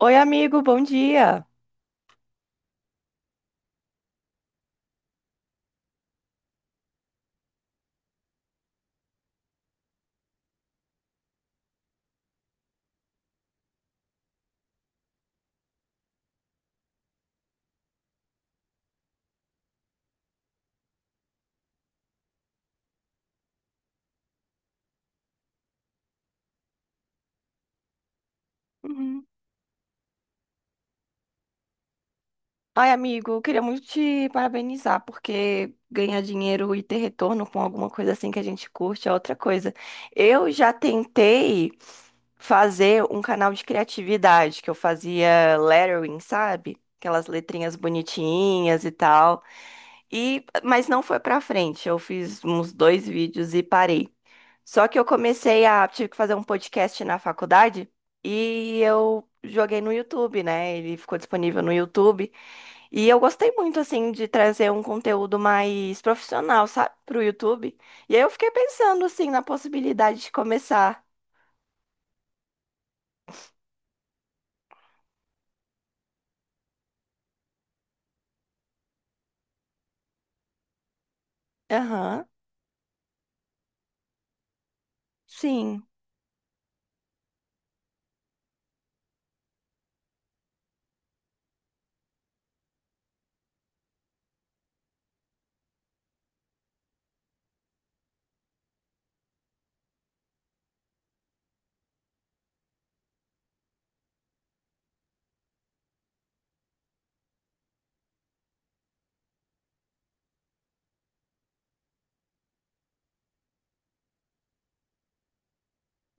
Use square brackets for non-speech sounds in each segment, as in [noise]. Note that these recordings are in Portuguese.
Oi, amigo, bom dia. Uhum. Ai, amigo, eu queria muito te parabenizar, porque ganhar dinheiro e ter retorno com alguma coisa assim que a gente curte é outra coisa. Eu já tentei fazer um canal de criatividade, que eu fazia lettering, sabe? Aquelas letrinhas bonitinhas e tal. E, mas não foi pra frente. Eu fiz uns dois vídeos e parei. Só que eu comecei a, tive que fazer um podcast na faculdade e eu joguei no YouTube, né? Ele ficou disponível no YouTube. E eu gostei muito, assim, de trazer um conteúdo mais profissional, sabe, pro YouTube. E aí eu fiquei pensando, assim, na possibilidade de começar. Aham, sim.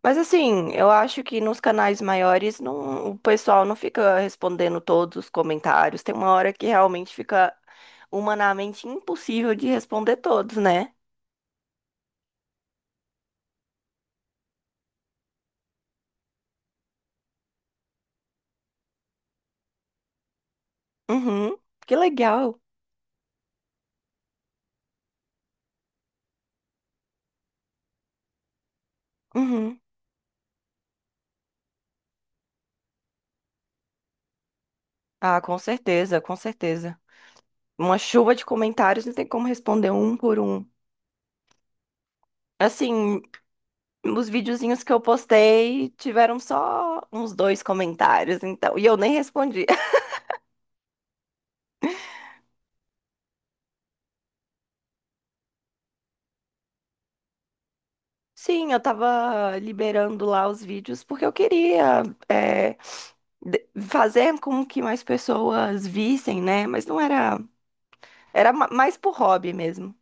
Mas, assim, eu acho que nos canais maiores não, o pessoal não fica respondendo todos os comentários. Tem uma hora que realmente fica humanamente impossível de responder todos, né? Uhum, que legal. Uhum. Ah, com certeza, com certeza. Uma chuva de comentários não tem como responder um por um. Assim, os videozinhos que eu postei tiveram só uns dois comentários, então. E eu nem respondi. [laughs] Sim, eu tava liberando lá os vídeos porque eu queria é, de- fazer com que mais pessoas vissem, né? Mas não era. Era ma- mais por hobby mesmo.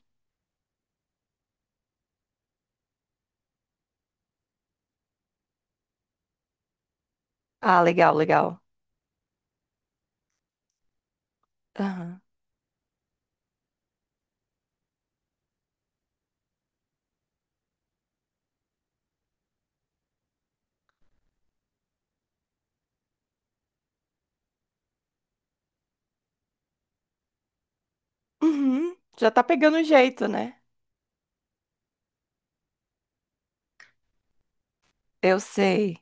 Ah, legal, legal. Aham. Uhum. Já tá pegando jeito, né? Eu sei.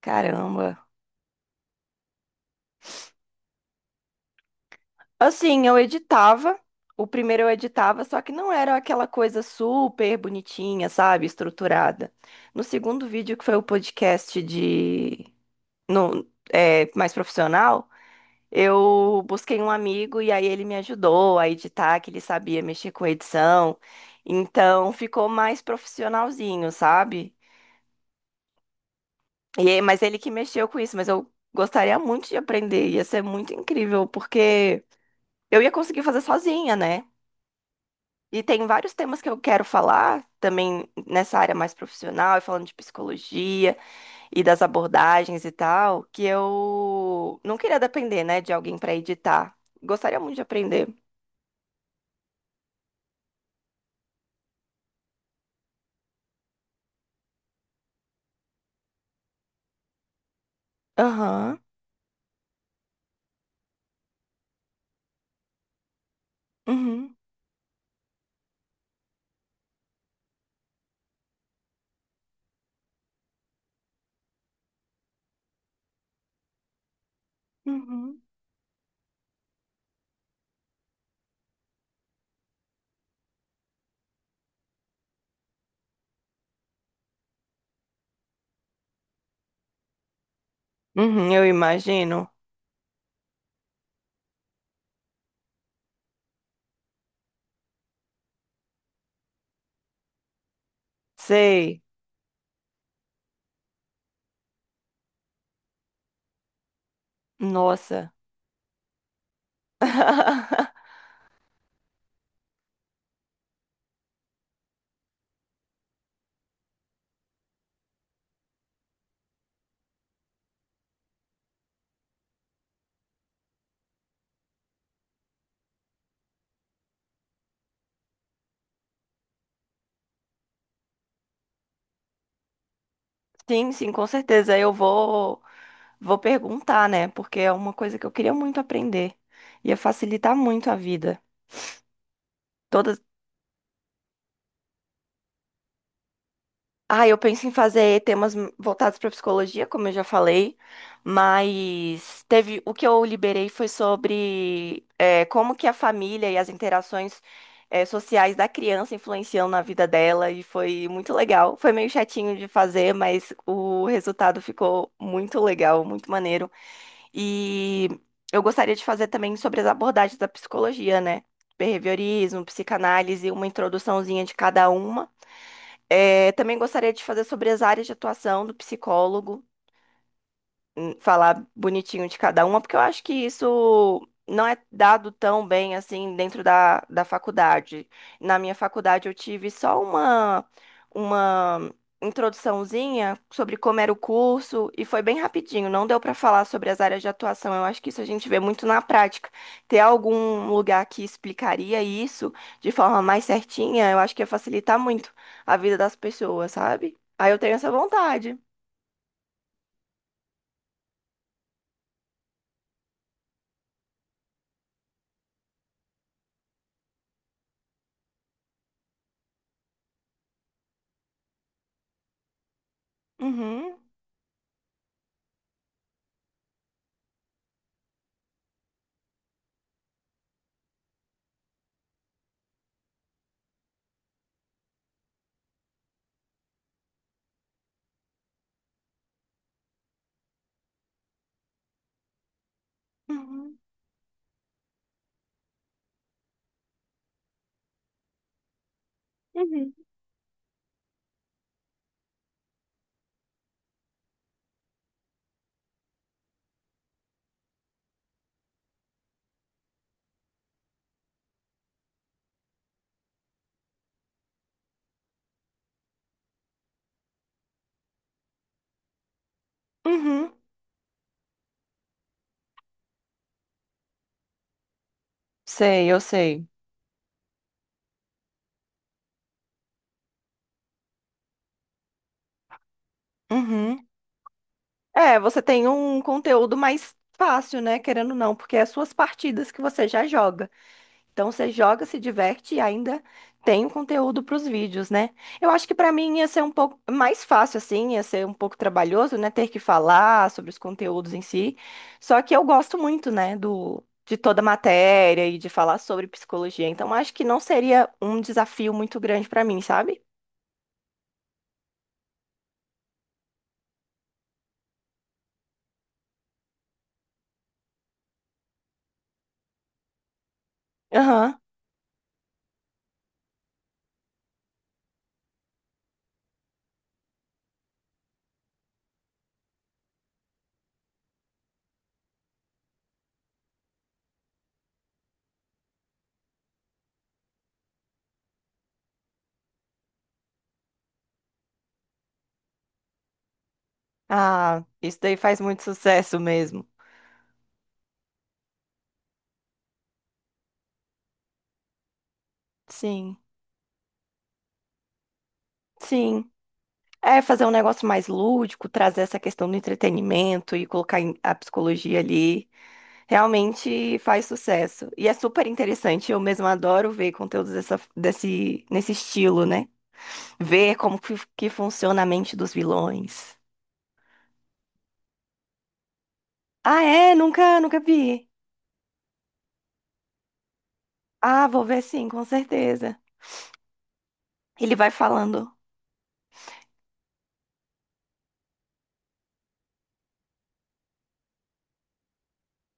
Caramba. Assim, eu editava. O primeiro eu editava, só que não era aquela coisa super bonitinha, sabe? Estruturada. No segundo vídeo, que foi o podcast de. No, é, mais profissional, eu busquei um amigo e aí ele me ajudou a editar, que ele sabia mexer com edição. Então ficou mais profissionalzinho, sabe? E, aí- mas ele que mexeu com isso, mas eu gostaria muito de aprender. Ia ser muito incrível, porque eu ia conseguir fazer sozinha, né? E tem vários temas que eu quero falar também nessa área mais profissional, e falando de psicologia e das abordagens e tal, que eu não queria depender, né, de alguém para editar. Gostaria muito de aprender. Aham. Uhum. Uhum. Uhum, eu imagino. Sei. Nossa. [laughs] Sim, sim, com certeza. Vou perguntar, né? Porque é uma coisa que eu queria muito aprender. Ia facilitar muito a vida. Todas. Ah, eu penso em fazer temas voltados para psicologia, como eu já falei, mas teve o que eu liberei foi sobre como que a família e as interações sociais da criança influenciam na vida dela e foi muito legal. Foi meio chatinho de fazer, mas o resultado ficou muito legal, muito maneiro. E eu gostaria de fazer também sobre as abordagens da psicologia, né? Behaviorismo, psicanálise, uma introduçãozinha de cada uma. É, também gostaria de fazer sobre as áreas de atuação do psicólogo, falar bonitinho de cada uma, porque eu acho que isso não é dado tão bem assim dentro da faculdade. Na minha faculdade eu tive só uma introduçãozinha sobre como era o curso e foi bem rapidinho, não deu para falar sobre as áreas de atuação. Eu acho que isso a gente vê muito na prática. Ter algum lugar que explicaria isso de forma mais certinha, eu acho que ia facilitar muito a vida das pessoas, sabe? Aí eu tenho essa vontade. Uhum, uhum, uhum. Uhum. Sei, eu sei. Uhum. É, você tem um conteúdo mais fácil, né? Querendo ou não, porque é as suas partidas que você já joga. Então você joga, se diverte e ainda tem o conteúdo para os vídeos, né? Eu acho que para mim ia ser um pouco mais fácil, assim, ia ser um pouco trabalhoso, né? Ter que falar sobre os conteúdos em si. Só que eu gosto muito, né? De toda a matéria e de falar sobre psicologia. Então acho que não seria um desafio muito grande para mim, sabe? Aham. Ah, isso daí faz muito sucesso mesmo. Sim, sim. É fazer um negócio mais lúdico, trazer essa questão do entretenimento e colocar em- a psicologia ali. Realmente faz sucesso. E é super interessante. Eu mesma adoro ver conteúdos nesse estilo, né? Ver como que funciona a mente dos vilões. Ah, é? Nunca vi. Ah, vou ver sim, com certeza. Ele vai falando.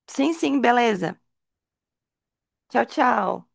Sim, sim, beleza. Tchau, tchau.